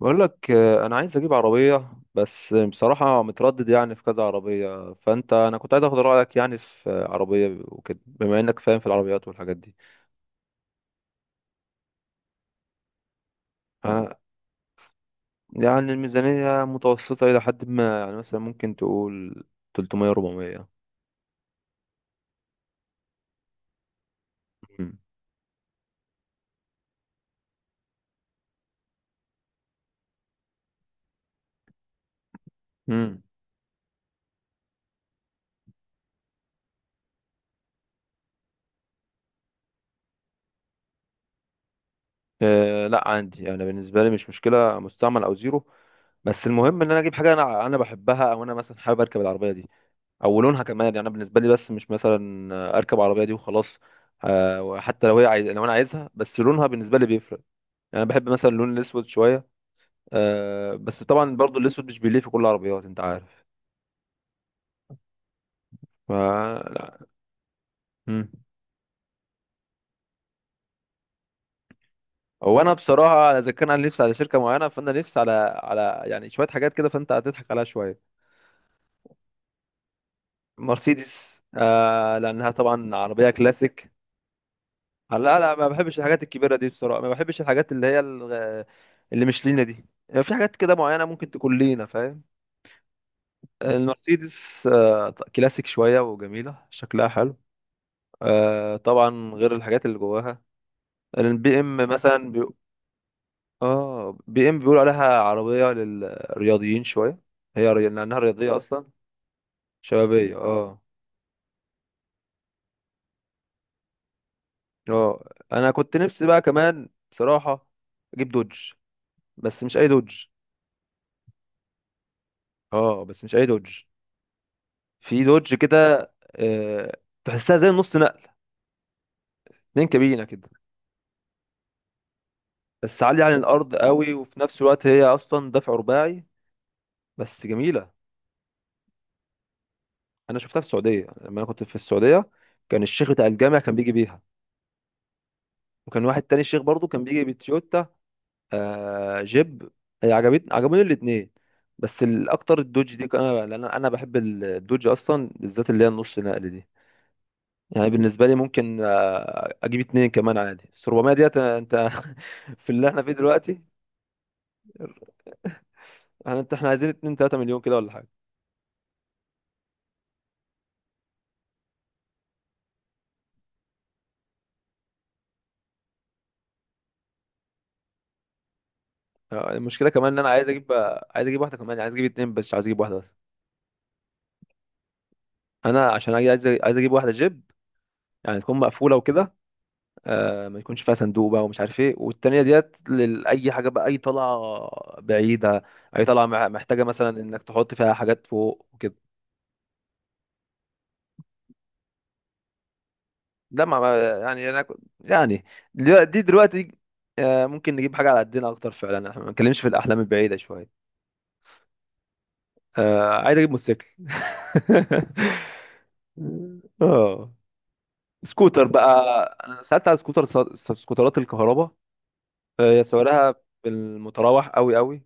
بقول لك آه، انا عايز اجيب عربيه، بس بصراحه متردد، يعني في كذا عربيه. فانت انا كنت عايز اخد رايك يعني في عربيه وكده، بما انك فاهم في العربيات والحاجات دي. انا يعني الميزانيه متوسطه الى حد ما، يعني مثلا ممكن تقول 300 400. امم امم لا، عندي انا بالنسبه لي مش مشكله مستعمل او زيرو. بس المهم ان انا اجيب حاجه انا بحبها، او انا مثلا حابب اركب العربيه دي. او لونها كمان، يعني انا بالنسبه لي بس مش مثلا اركب عربيه دي وخلاص. آه، حتى لو هي عايز، لو انا عايزها بس لونها بالنسبه لي بيفرق. يعني انا بحب مثلا اللون الاسود شويه. آه، بس طبعا برضو الاسود مش بيليق في كل العربيات، انت عارف. ف لا. مم. هو انا بصراحه اذا كان انا نفسي على شركه معينه، فانا نفسي على يعني شويه حاجات كده فانت هتضحك عليها شويه. مرسيدس آه، لانها طبعا عربيه كلاسيك. لا لا، ما بحبش الحاجات الكبيرة دي بصراحة. ما بحبش الحاجات اللي هي اللي مش لينا دي. يعني في حاجات كده معينة ممكن تكون لينا، فاهم. المرسيدس آه، كلاسيك شوية وجميلة، شكلها حلو. آه، طبعا غير الحاجات اللي جواها. البي ام مثلا اه، بي ام بيقولوا عليها عربية للرياضيين شوية. هي لأنها رياضية أصلا. شبابية، اه. اه، أنا كنت نفسي بقى كمان بصراحة أجيب دوج. بس مش أي دوج. اه بس مش أي دوج. في دوج كده آه، تحسها زي نص نقل، اتنين كابينة كده. بس عالية عن الأرض قوي، وفي نفس الوقت هي أصلا دفع رباعي. بس جميلة. أنا شفتها في السعودية لما أنا كنت في السعودية. كان الشيخ بتاع الجامع كان بيجي بيها. وكان واحد تاني شيخ برضو كان بيجي بتويوتا. آه، جيب. هي عجبتني، عجبوني الاتنين. بس الأكتر الدوج دي، أنا لأن أنا بحب الدوج أصلا بالذات اللي هي النص نقل دي. يعني بالنسبة لي ممكن آه، أجيب اتنين كمان عادي، بس 400 ديت أنت في اللي احنا فيه دلوقتي. انا انت احنا عايزين 2 3 مليون كده ولا حاجه. آه، المشكله كمان ان انا عايز اجيب واحده كمان، يعني عايز اجيب اتنين، بس مش عايز اجيب واحده بس. انا عشان عايز اجيب واحده جيب، يعني تكون مقفوله وكده. آه، ما يكونش فيها صندوق بقى ومش عارف ايه. والتانيه ديت لاي حاجه بقى، اي طلعه بعيده، اي طلعه محتاجه مثلا انك تحط فيها حاجات فوق وكده. لا، يعني انا يعني دي دلوقتي آه ممكن نجيب حاجه على قدنا اكتر فعلا، احنا ما بنتكلمش في الاحلام البعيده شويه. آه، عايز اجيب موتوسيكل اه، سكوتر بقى. انا سالت على سكوتر، سكوترات الكهرباء. آه، سعرها بالمتراوح قوي قوي.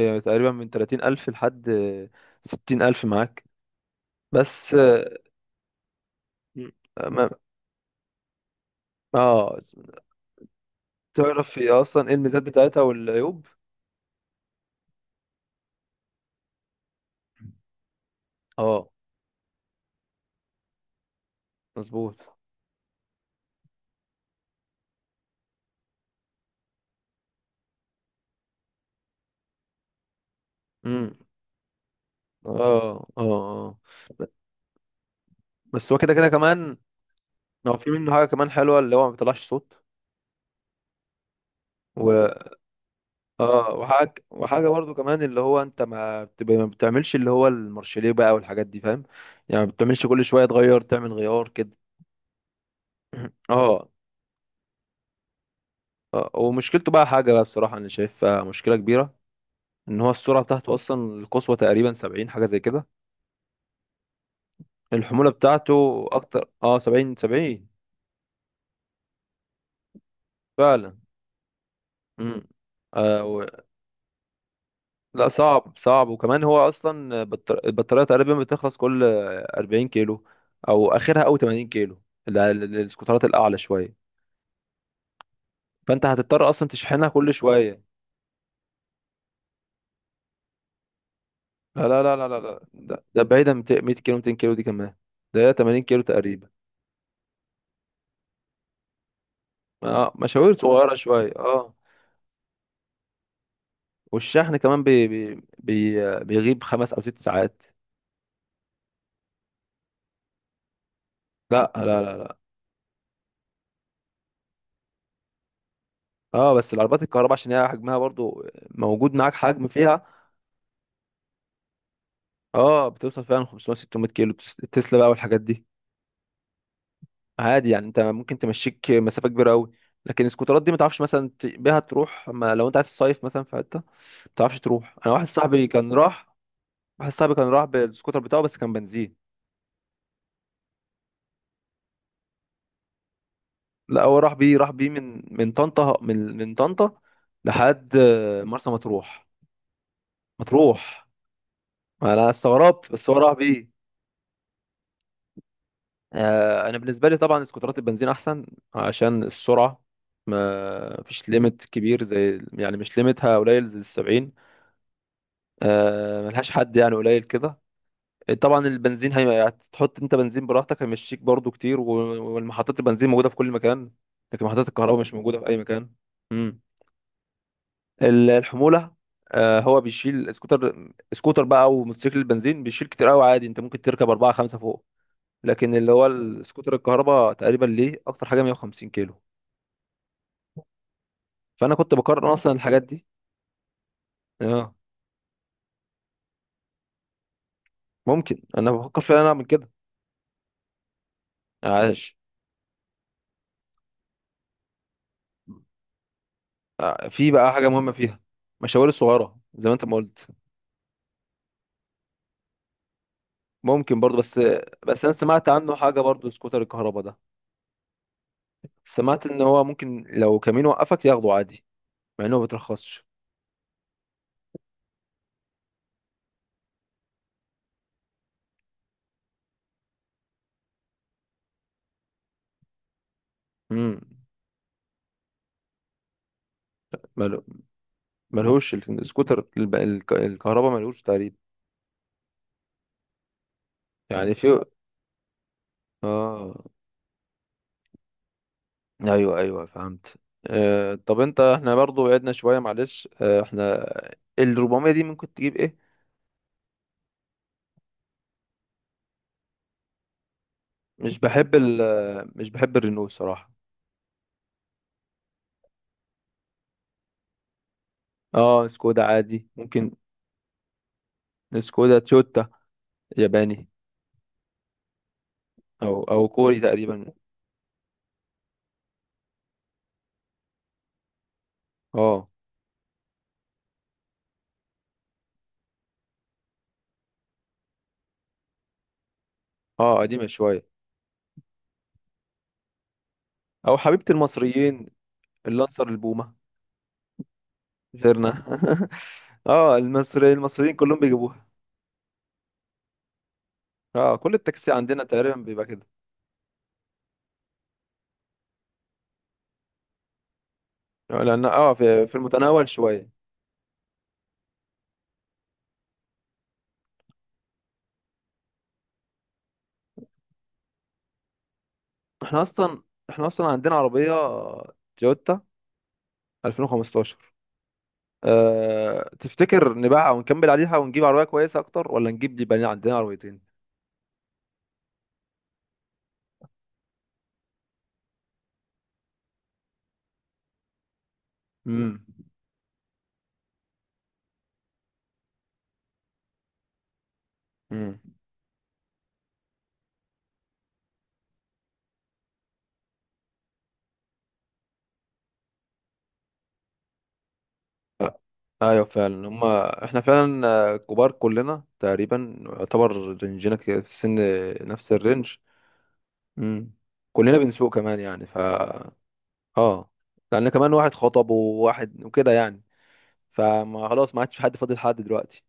آه، تقريبا من 30,000 لحد آه، 60,000 معاك. بس اه ما- آه، تعرف هي اصلا ايه الميزات بتاعتها والعيوب. اه، مظبوط. امم، اه اه اه آه. بس هو كده كده كمان. هو في منه حاجه كمان حلوه اللي هو ما بيطلعش صوت. اه، وحاجه برضو كمان اللي هو انت ما بتبقى، ما بتعملش اللي هو المارشليه بقى والحاجات دي، فاهم. يعني ما بتعملش كل شويه تغير، تعمل غيار كده. اه. آه، ومشكلته بقى حاجه بقى بصراحه انا شايفها مشكله كبيره، ان هو السرعه بتاعته اصلا القصوى تقريبا 70 حاجه زي كده. الحموله بتاعته اكتر اه، 70 70. فعلا. امم. لا، صعب صعب. وكمان هو اصلا البطاريه تقريبا بتخلص كل 40 كيلو او اخرها او 80 كيلو. السكوترات الاعلى شويه. فانت هتضطر اصلا تشحنها كل شويه. لا لا لا لا لا لا. ده بعيدا عن 200 كيلو، 200 كيلو دي كمان. ده هي 80 كيلو تقريبا. اه، مشاوير صغيره شويه اه. والشحن كمان بي بي بي بيغيب خمس او ست ساعات. لا لا لا لا. اه، بس العربيات الكهرباء عشان هي حجمها برضو موجود، معاك حجم فيها. اه، بتوصل فعلا 500 600 كيلو، تسلا بقى والحاجات دي، عادي. يعني انت ممكن تمشيك مسافه كبيره قوي. لكن السكوترات دي ما تعرفش مثلا بيها تروح ما. لو انت عايز تصيف مثلا في حته ما تعرفش تروح. انا واحد صاحبي كان راح. واحد صاحبي كان راح بالسكوتر بتاعه بس كان بنزين. لا، هو راح بيه، راح بيه من طنطا، من طنطا لحد آه، مرسى مطروح. مطروح. ما انا استغربت، بس هو راح بيه. آه، انا بالنسبه لي طبعا سكوترات البنزين احسن عشان السرعه. ما فيش ليميت كبير زي، يعني مش ليميتها قليل زي السبعين. آه، ملهاش حد يعني قليل كده. طبعا البنزين هي هتحط انت بنزين براحتك، هيمشيك برضو كتير، والمحطات البنزين موجوده في كل مكان. لكن محطات الكهرباء مش موجوده في اي مكان. مم. الحموله. آه، هو بيشيل سكوتر. سكوتر بقى او موتوسيكل البنزين بيشيل كتير قوي، عادي انت ممكن تركب اربعه خمسه فوق. لكن اللي هو السكوتر الكهرباء تقريبا ليه اكتر حاجه 150 كيلو. فانا كنت بقارن اصلا الحاجات دي. اه. ممكن، انا بفكر فعلا اعمل كده. عاش. آه، في بقى حاجه مهمه فيها، مشاوير الصغيره زي ما انت ما قلت. ممكن برضو بس. بس انا سمعت عنه حاجه برضو سكوتر الكهرباء ده. سمعت ان هو ممكن لو كمين وقفك ياخده عادي، مع انه ما بيترخصش. امم. ملهوش، السكوتر الكهرباء ملهوش تقريبا. يعني في. اه. ايوه ايوه، فهمت. آه، طب انت احنا برضو بعدنا شويه، معلش. آه احنا ال 400 دي ممكن تجيب ايه. مش بحب مش بحب الرينو صراحه. اه، سكودا عادي ممكن. سكودا، تويوتا، ياباني. او او كوري تقريبا. اه. اه، قديمه شويه. او حبيبه المصريين، اللانسر البومه، غيرنا اه، المصري المصريين كلهم بيجيبوها. اه، كل التاكسي عندنا تقريبا بيبقى كده. لان اه في في المتناول شويه. احنا اصلا، احنا اصلا عندنا عربيه تويوتا 2015. أه... تفتكر نبيعها ونكمل عليها ونجيب عربيه كويسه اكتر، ولا نجيب اللي بقى عندنا عربيتين. امم. امم. ايوه فعلا، هما احنا فعلا آه، كبار كلنا تقريبا يعتبر، رينجنا كده في السن، نفس الرينج. امم. كلنا بنسوق كمان يعني. اه. لان كمان واحد خطب وواحد وكده يعني. فما خلاص ما عادش في حد فاضل، حد دلوقتي.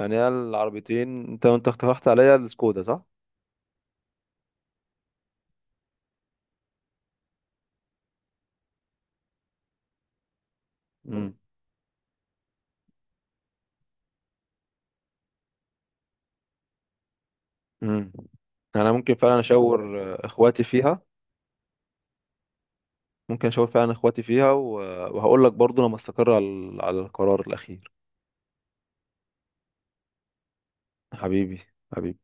يعني هي العربيتين. انت انت اقترحت عليا السكودا صح؟ امم. امم. انا ممكن فعلا اشاور آه، اخواتي فيها. ممكن اشاور فعلا اخواتي فيها وهقول لك برضو لما استقر على القرار الاخير. حبيبي. حبيبي.